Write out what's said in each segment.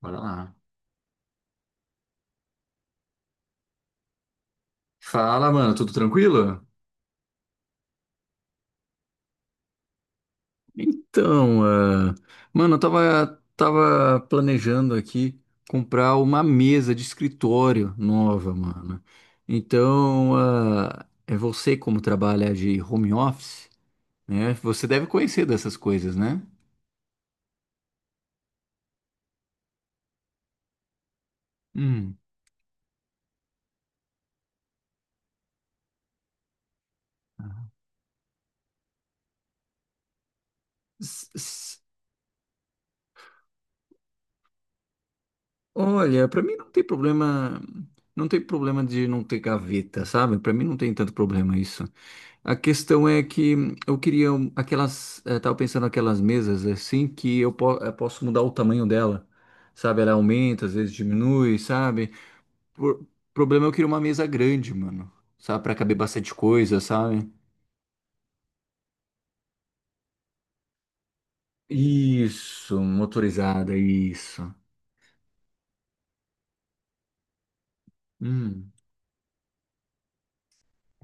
Bora lá. Fala, mano, tudo tranquilo? Então, ah, mano, eu tava planejando aqui comprar uma mesa de escritório nova, mano. É você como trabalha de home office, né? Você deve conhecer dessas coisas, né? Hum. S- s- Olha, pra mim não tem problema, não tem problema de não ter gaveta, sabe? Pra mim não tem tanto problema isso. A questão é que eu queria aquelas, tava pensando aquelas mesas assim que eu, posso mudar o tamanho dela, sabe? Ela aumenta, às vezes diminui, sabe? O problema é eu queria uma mesa grande, mano, sabe? Pra caber bastante coisa, sabe? Isso, motorizada, isso. Hum,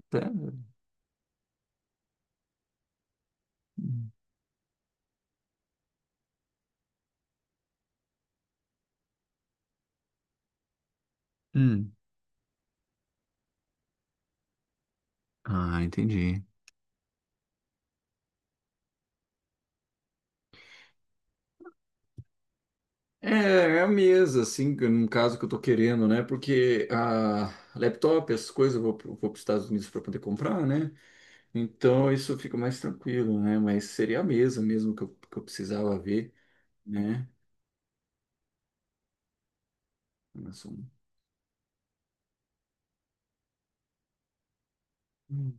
tá. Hum. Ah, entendi. É, é a mesa, assim, no caso que eu tô querendo, né? Porque a laptop, essas coisas, eu vou, vou para os Estados Unidos para poder comprar, né? Então isso fica mais tranquilo, né? Mas seria a mesa mesmo que eu precisava ver, né? Mas um- Hum,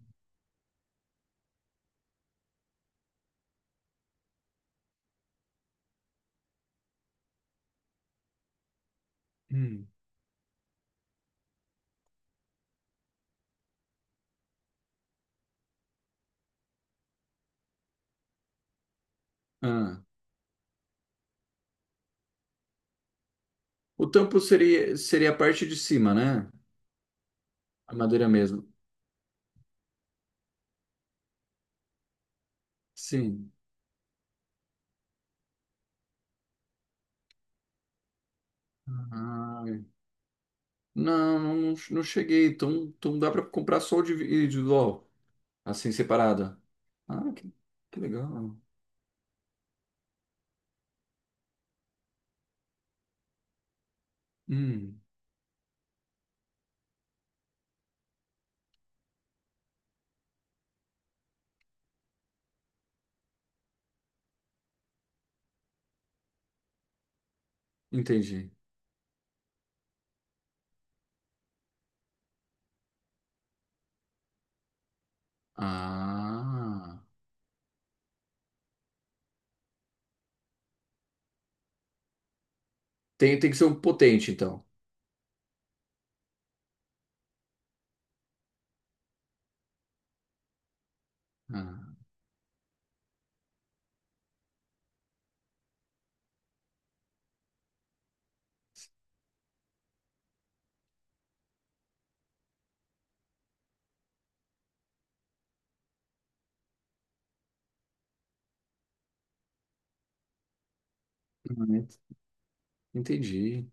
hum. Ah, o tampo seria, seria a parte de cima, né? A madeira mesmo. Sim. Ah, não, não, não cheguei. Então, então dá para comprar só o individual, assim, separado. Ah, que legal. Hum, entendi. Ah, tem, tem que ser um potente, então. Ah, ent- entendi.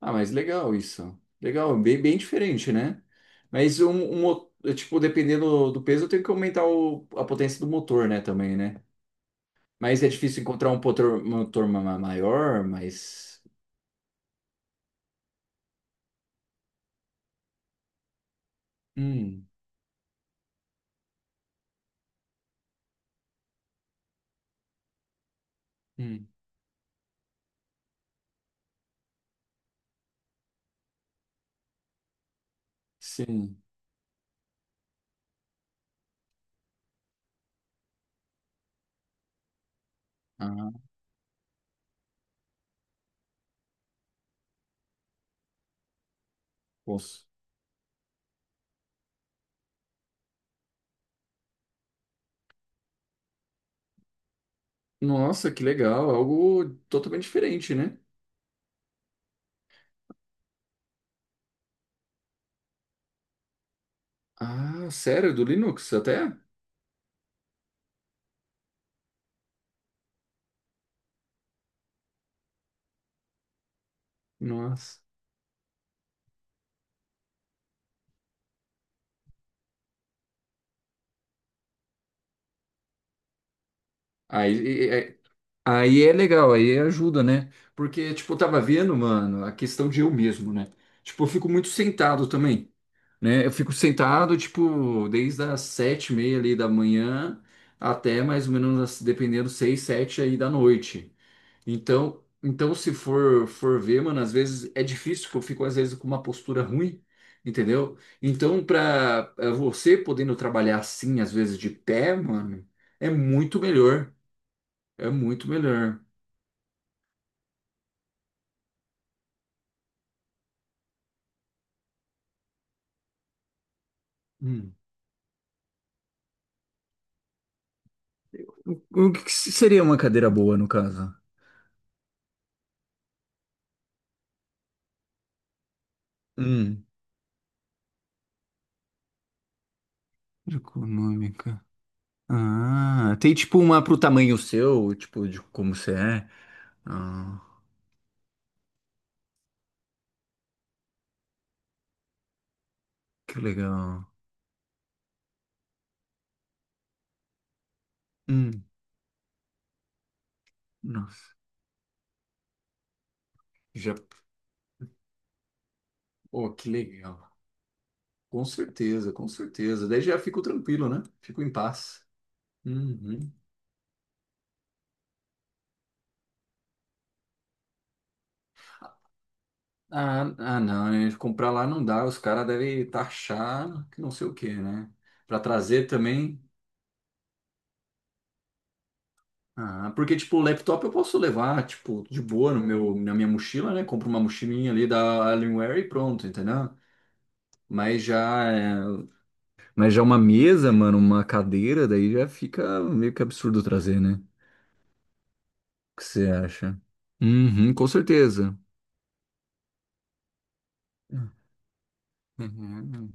Ah, mas legal isso. Legal, bem, bem diferente, né? Mas um, tipo, dependendo do peso, eu tenho que aumentar a potência do motor, né, também, né? Mas é difícil encontrar um motor, maior, mas hum, hum, sim. Ah, posso. Nossa, que legal, algo totalmente diferente, né? Ah, sério, do Linux até? Nossa. Aí Aí é legal, aí ajuda, né? Porque, tipo, eu tava vendo, mano, a questão de eu mesmo, né? Tipo, eu fico muito sentado também, né? Eu fico sentado, tipo, desde as sete e meia ali da manhã até mais ou menos, dependendo, seis, sete aí da noite. Então, então se for, for ver, mano, às vezes é difícil, porque eu fico, às vezes, com uma postura ruim, entendeu? Então, pra você podendo trabalhar assim, às vezes, de pé, mano, é muito melhor. É muito melhor. O que que seria uma cadeira boa, no caso? Hum, econômica. Ah, tem tipo uma pro tamanho seu, tipo, de como você é. Ah, que legal. Hum, nossa. Já, oh, que legal. Com certeza, com certeza. Daí já fico tranquilo, né? Fico em paz. Uhum. Ah, ah, não, né? Comprar lá não dá. Os caras devem taxar que não sei o quê, né? Pra trazer também. Ah, porque, tipo, o laptop eu posso levar, tipo, de boa no meu, na minha mochila, né? Compro uma mochilinha ali da Alienware e pronto, entendeu? Mas já, é, mas já uma mesa, mano, uma cadeira, daí já fica meio que absurdo trazer, né? O que você acha? Uhum, com certeza. Uhum,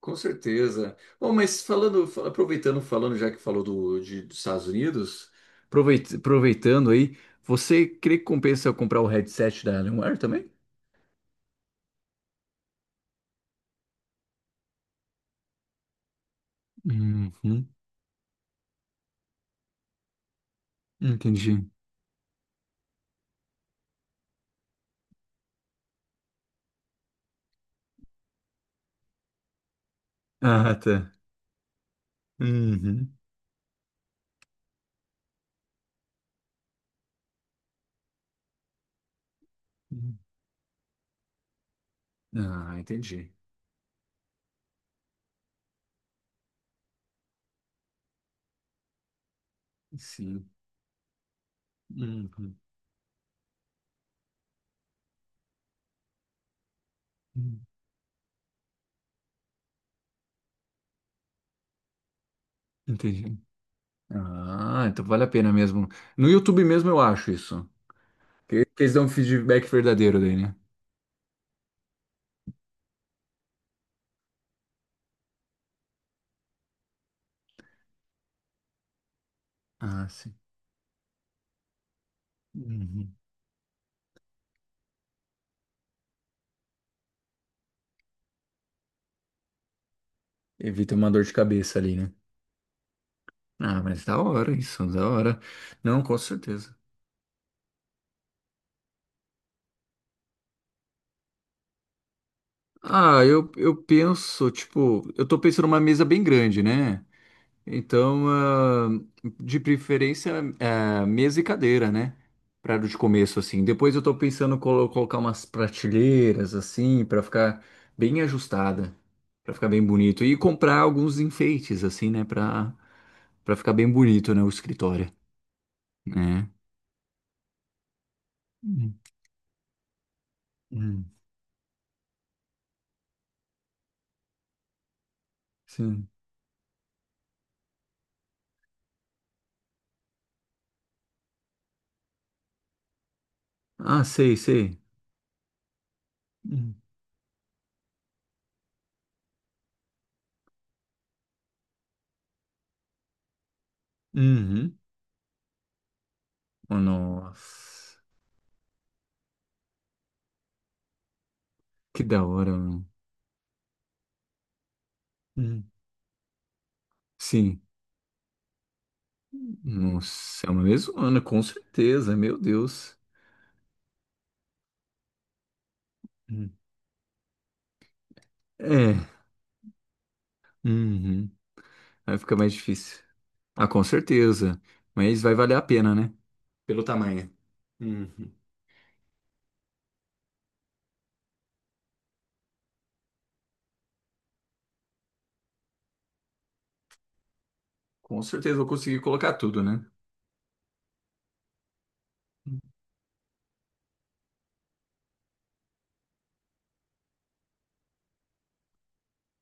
com certeza. Bom, mas falando, aproveitando, falando já que falou do, de, dos Estados Unidos, aproveitando aí, você crê que compensa eu comprar o headset da Alienware também? Uhum. Entendi. Ah, tá. Uhum. Ah, entendi. Sim. Uhum. Entendi. Ah, então vale a pena mesmo. No YouTube mesmo eu acho isso. Que eles dão um feedback verdadeiro daí, né? Ah, sim. Uhum. Evita uma dor de cabeça ali, né? Ah, mas da hora isso, da hora. Não, com certeza. Ah, eu penso, tipo, eu tô pensando numa mesa bem grande, né? Então, ah, de preferência, ah, mesa e cadeira, né? Para de começo, assim. Depois eu tô pensando em colocar umas prateleiras, assim, para ficar bem ajustada, para ficar bem bonito. E comprar alguns enfeites, assim, né? Para para ficar bem bonito, né? O escritório, né? Hum, hum, sim. Ah, sei, sei. Hum. Uhum. Oh, nossa, que da hora, mano. Hum. Sim. Nossa, é uma mesona, com certeza, meu Deus. Hum. É, uhum. Aí fica mais difícil. Ah, com certeza. Mas vai valer a pena, né? Pelo tamanho. Uhum. Com certeza vou conseguir colocar tudo, né?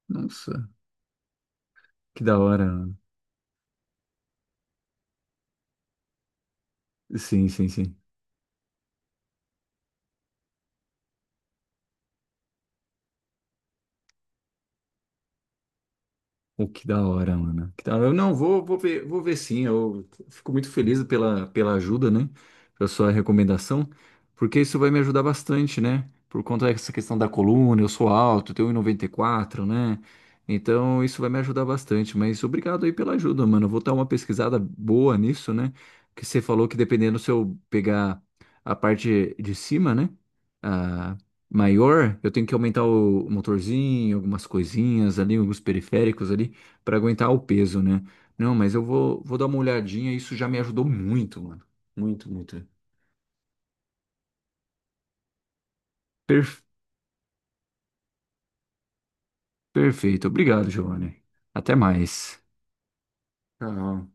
Nossa, que da hora. Sim, sim, sim. Pô, que da hora, mano. Que da hora. Eu não vou, vou ver sim. Eu fico muito feliz pela, pela ajuda, né? Pela sua recomendação, porque isso vai me ajudar bastante, né? Por conta dessa questão da coluna, eu sou alto, tenho 1,94, né? Então isso vai me ajudar bastante. Mas obrigado aí pela ajuda, mano. Eu vou dar uma pesquisada boa nisso, né? Que você falou que dependendo se eu pegar a parte de cima, né? Ah, maior, eu tenho que aumentar o motorzinho, algumas coisinhas ali, alguns periféricos ali, para aguentar o peso, né? Não, mas eu vou, vou dar uma olhadinha, isso já me ajudou muito, mano. Muito, muito. Per- perfeito. Obrigado, Giovanni. Até mais. Tchau.